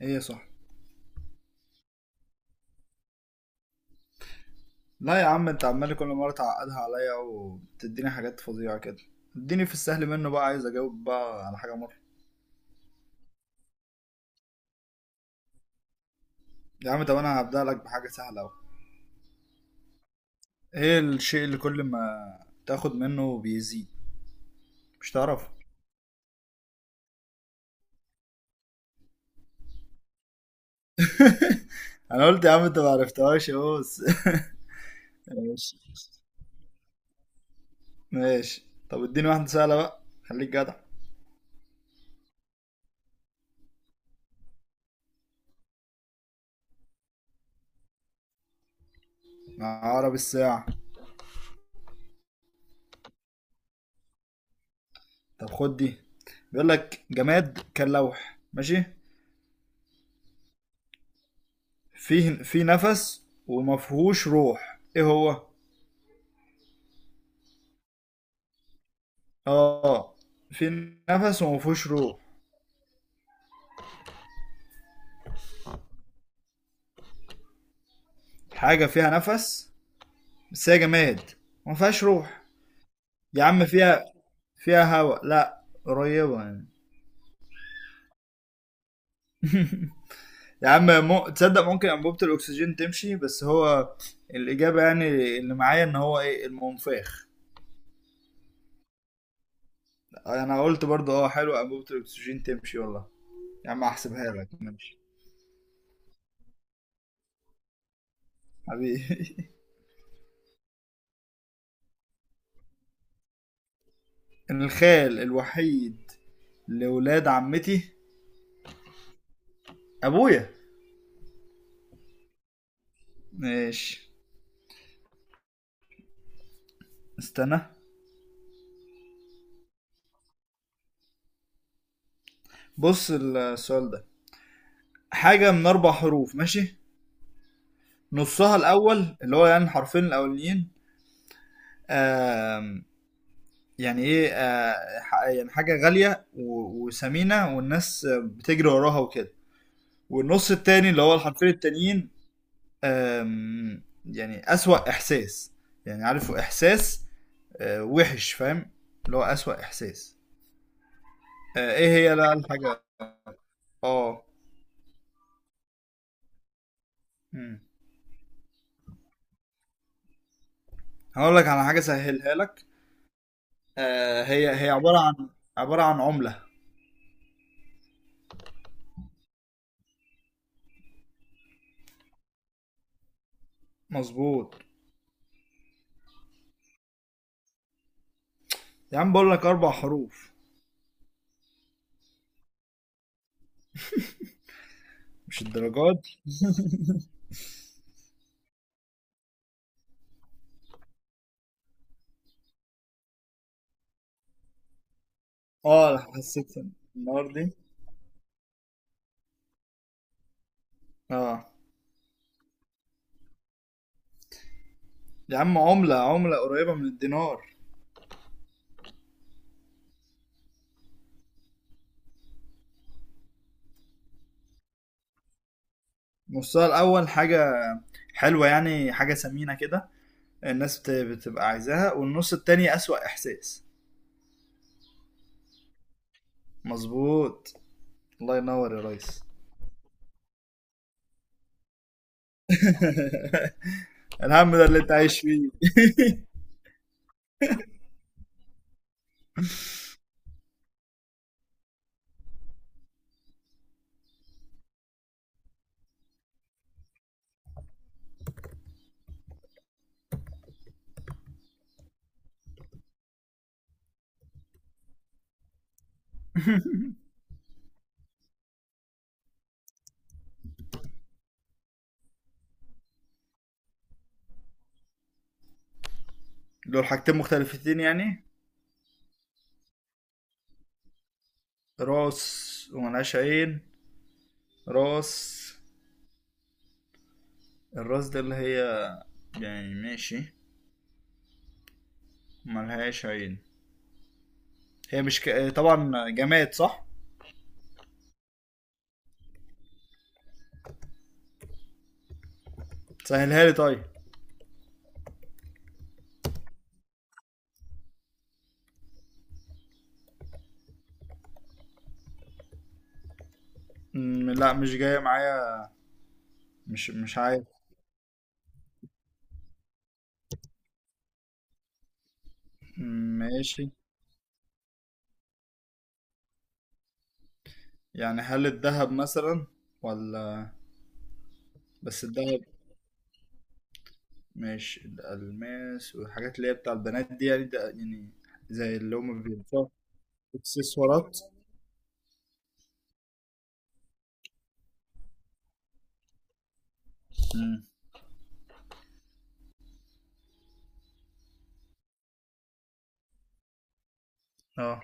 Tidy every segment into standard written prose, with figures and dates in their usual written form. ايه صح. لا يا عم، انت عمال كل مره تعقدها عليا وبتديني حاجات فظيعه كده. اديني في السهل منه بقى، عايز اجاوب بقى على حاجه مره. يا عم طب انا هبدأ لك بحاجه سهله اهو. ايه الشيء اللي كل ما تاخد منه بيزيد؟ مش تعرف؟ انا قلت يا عم انت ما عرفتهاش اهو بس. ماشي. ماشي طب اديني واحده سهله بقى، خليك جدع. عقرب الساعه. طب خد دي. بيقول لك جماد كاللوح، ماشي. في نفس ومفهوش روح، ايه هو؟ اه. في نفس وما فيهوش روح. حاجة فيها نفس بس هي جماد وما فيهاش روح. يا عم فيها هواء، لا قريبة يعني. يا عم تصدق ممكن أنبوبة الأكسجين تمشي، بس هو الإجابة يعني اللي معايا إن هو إيه؟ المنفاخ. أنا قلت برضه أه حلو، أنبوبة الأكسجين تمشي والله. يا عم هحسبها لك، ماشي. حبيبي. الخال الوحيد لولاد عمتي. أبويا. ماشي. استنى. بص السؤال ده حاجة من أربع حروف، ماشي. نصها الأول اللي هو يعني الحرفين الأولين، آم، يعني إيه، يعني حاجة غالية وثمينة والناس بتجري وراها وكده. والنص التاني اللي هو الحرفين التانيين، يعني أسوأ إحساس. يعني عارف إحساس، وحش، فاهم. اللي هو أسوأ إحساس. إيه هي بقى الحاجة؟ آه. مم. هقول لك على حاجة سهلها لك. هي عبارة عن عملة. مظبوط. يا عم بقول لك أربع حروف. مش الدرجات دي. اه أنا حسيت النهار دي. اه يا عم عملة، عملة قريبة من الدينار. نصها الأول حاجة حلوة يعني حاجة ثمينة كده، الناس بتبقى عايزاها. والنص التاني أسوأ إحساس. مظبوط. الله ينور يا ريس. الهم ده اللي انت عايش فيه. دول حاجتين مختلفتين يعني. راس وملهاش عين. راس. الراس ده اللي هي يعني، ماشي. ملهاش عين. هي مش ك... آه، طبعا جماد صح. سهلها لي طيب. لا مش جاية معايا. مش عارف. مم، ماشي. يعني هل الذهب مثلا ولا؟ بس الذهب، ماشي الألماس والحاجات اللي هي بتاع البنات دي يعني، ده يعني زي اللي هما بيلبسوها. اكسسوارات. مم، اه.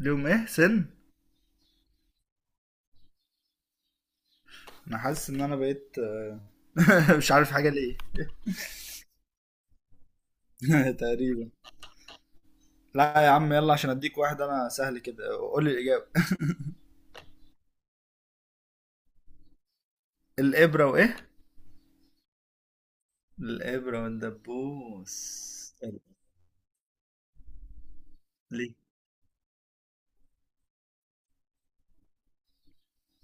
ليهم ايه سن؟ انا حاسس ان انا بقيت. مش عارف حاجة ليه. تقريبا. لا يا عم يلا، عشان اديك واحد انا سهل كده، قول لي الاجابه. الابره وايه؟ الابره والدبوس. ليه؟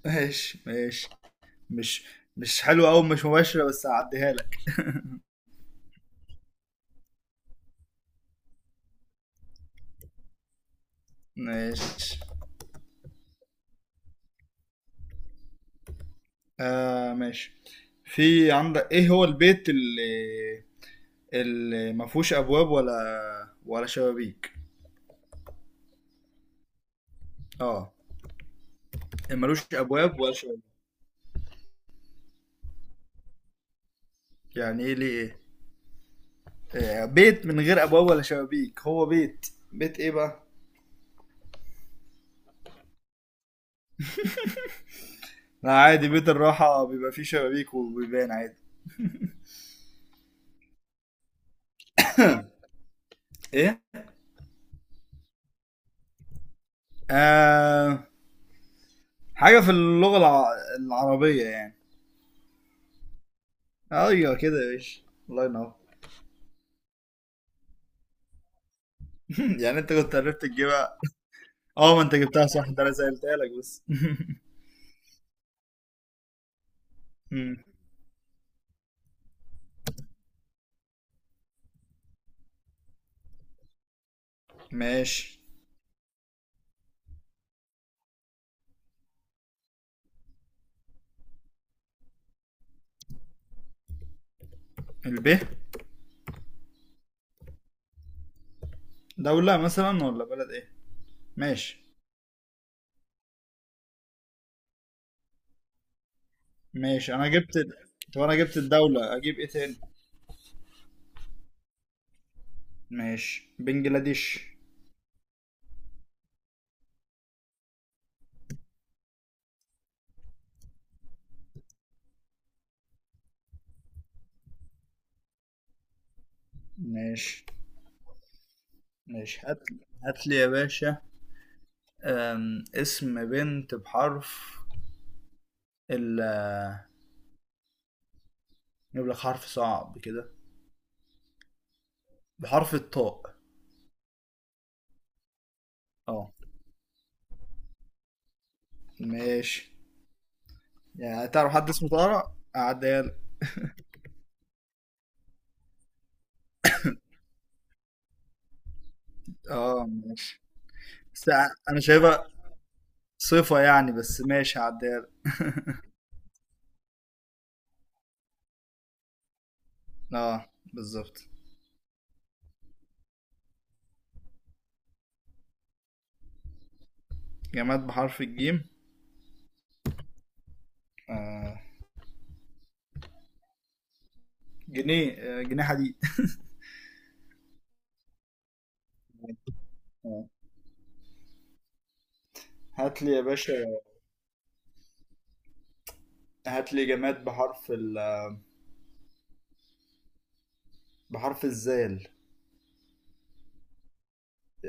ماشي ماشي. مش مش حلوه قوي، مش مباشره، بس هعديها لك. ماشي. آه ماشي. في عندك ايه هو البيت اللي ما فيهوش ابواب ولا شبابيك؟ اه. ملوش ابواب ولا شبابيك. يعني ايه ليه؟ إيه؟ بيت من غير ابواب ولا شبابيك هو بيت، بيت ايه بقى؟ لا عادي، بيت الراحه بيبقى فيه شبابيك وبيبان عادي. ايه. آه، حاجه في اللغه العربيه يعني. ايوه كده يا باشا. الله ينور. يعني انت كنت عرفت تجيبها. اه ما انت جبتها صح، ده انا سالتها لك بس. مم. ماشي. الب. دولة مثلا ولا بلد ايه؟ ماشي. ماشي طب انا جبت الدولة، اجيب ايه تاني. ماشي، بنجلاديش. ماشي. ماشي هات. هات لي يا باشا. اسم بنت بحرف ال، نجيب لك حرف صعب كده، بحرف الطاء. اه ماشي. يعني تعرف حد اسمه طارق، اعديها لك. اه ماشي. بس انا شايفها صفة يعني، بس ماشي هعديها لك. اه بالظبط. جماد بحرف الجيم. آه. جنيه، جنيه حديد. آه. هات لي يا باشا. هات لي جماد بحرف الزال.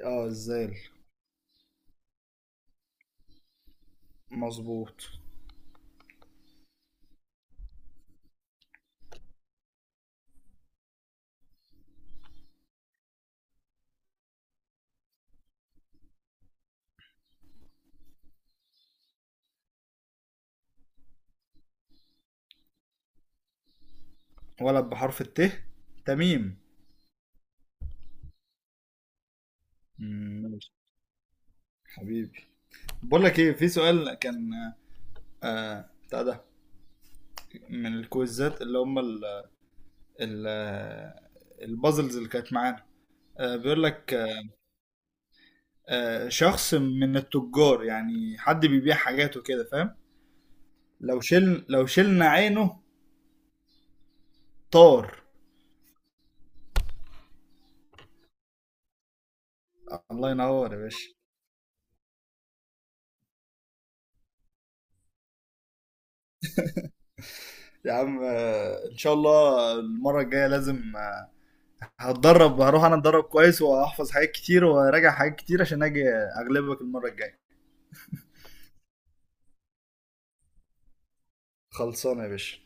اه الزال. مظبوط. ولد بحرف الت. تميم. ماشي. حبيبي. بقول لك ايه، في سؤال كان بتاع ده من الكويزات اللي هم ال البازلز اللي كانت معانا. بيقول لك شخص من التجار يعني حد بيبيع حاجات وكده، فاهم. لو شلنا عينه، طار. الله ينور يا باشا. يا عم ان شاء الله المره الجايه لازم، آه، هتدرب هروح انا اتدرب كويس وهحفظ حاجات كتير وراجع حاجات كتير عشان اجي اغلبك المره الجايه. خلصانه يا باشا.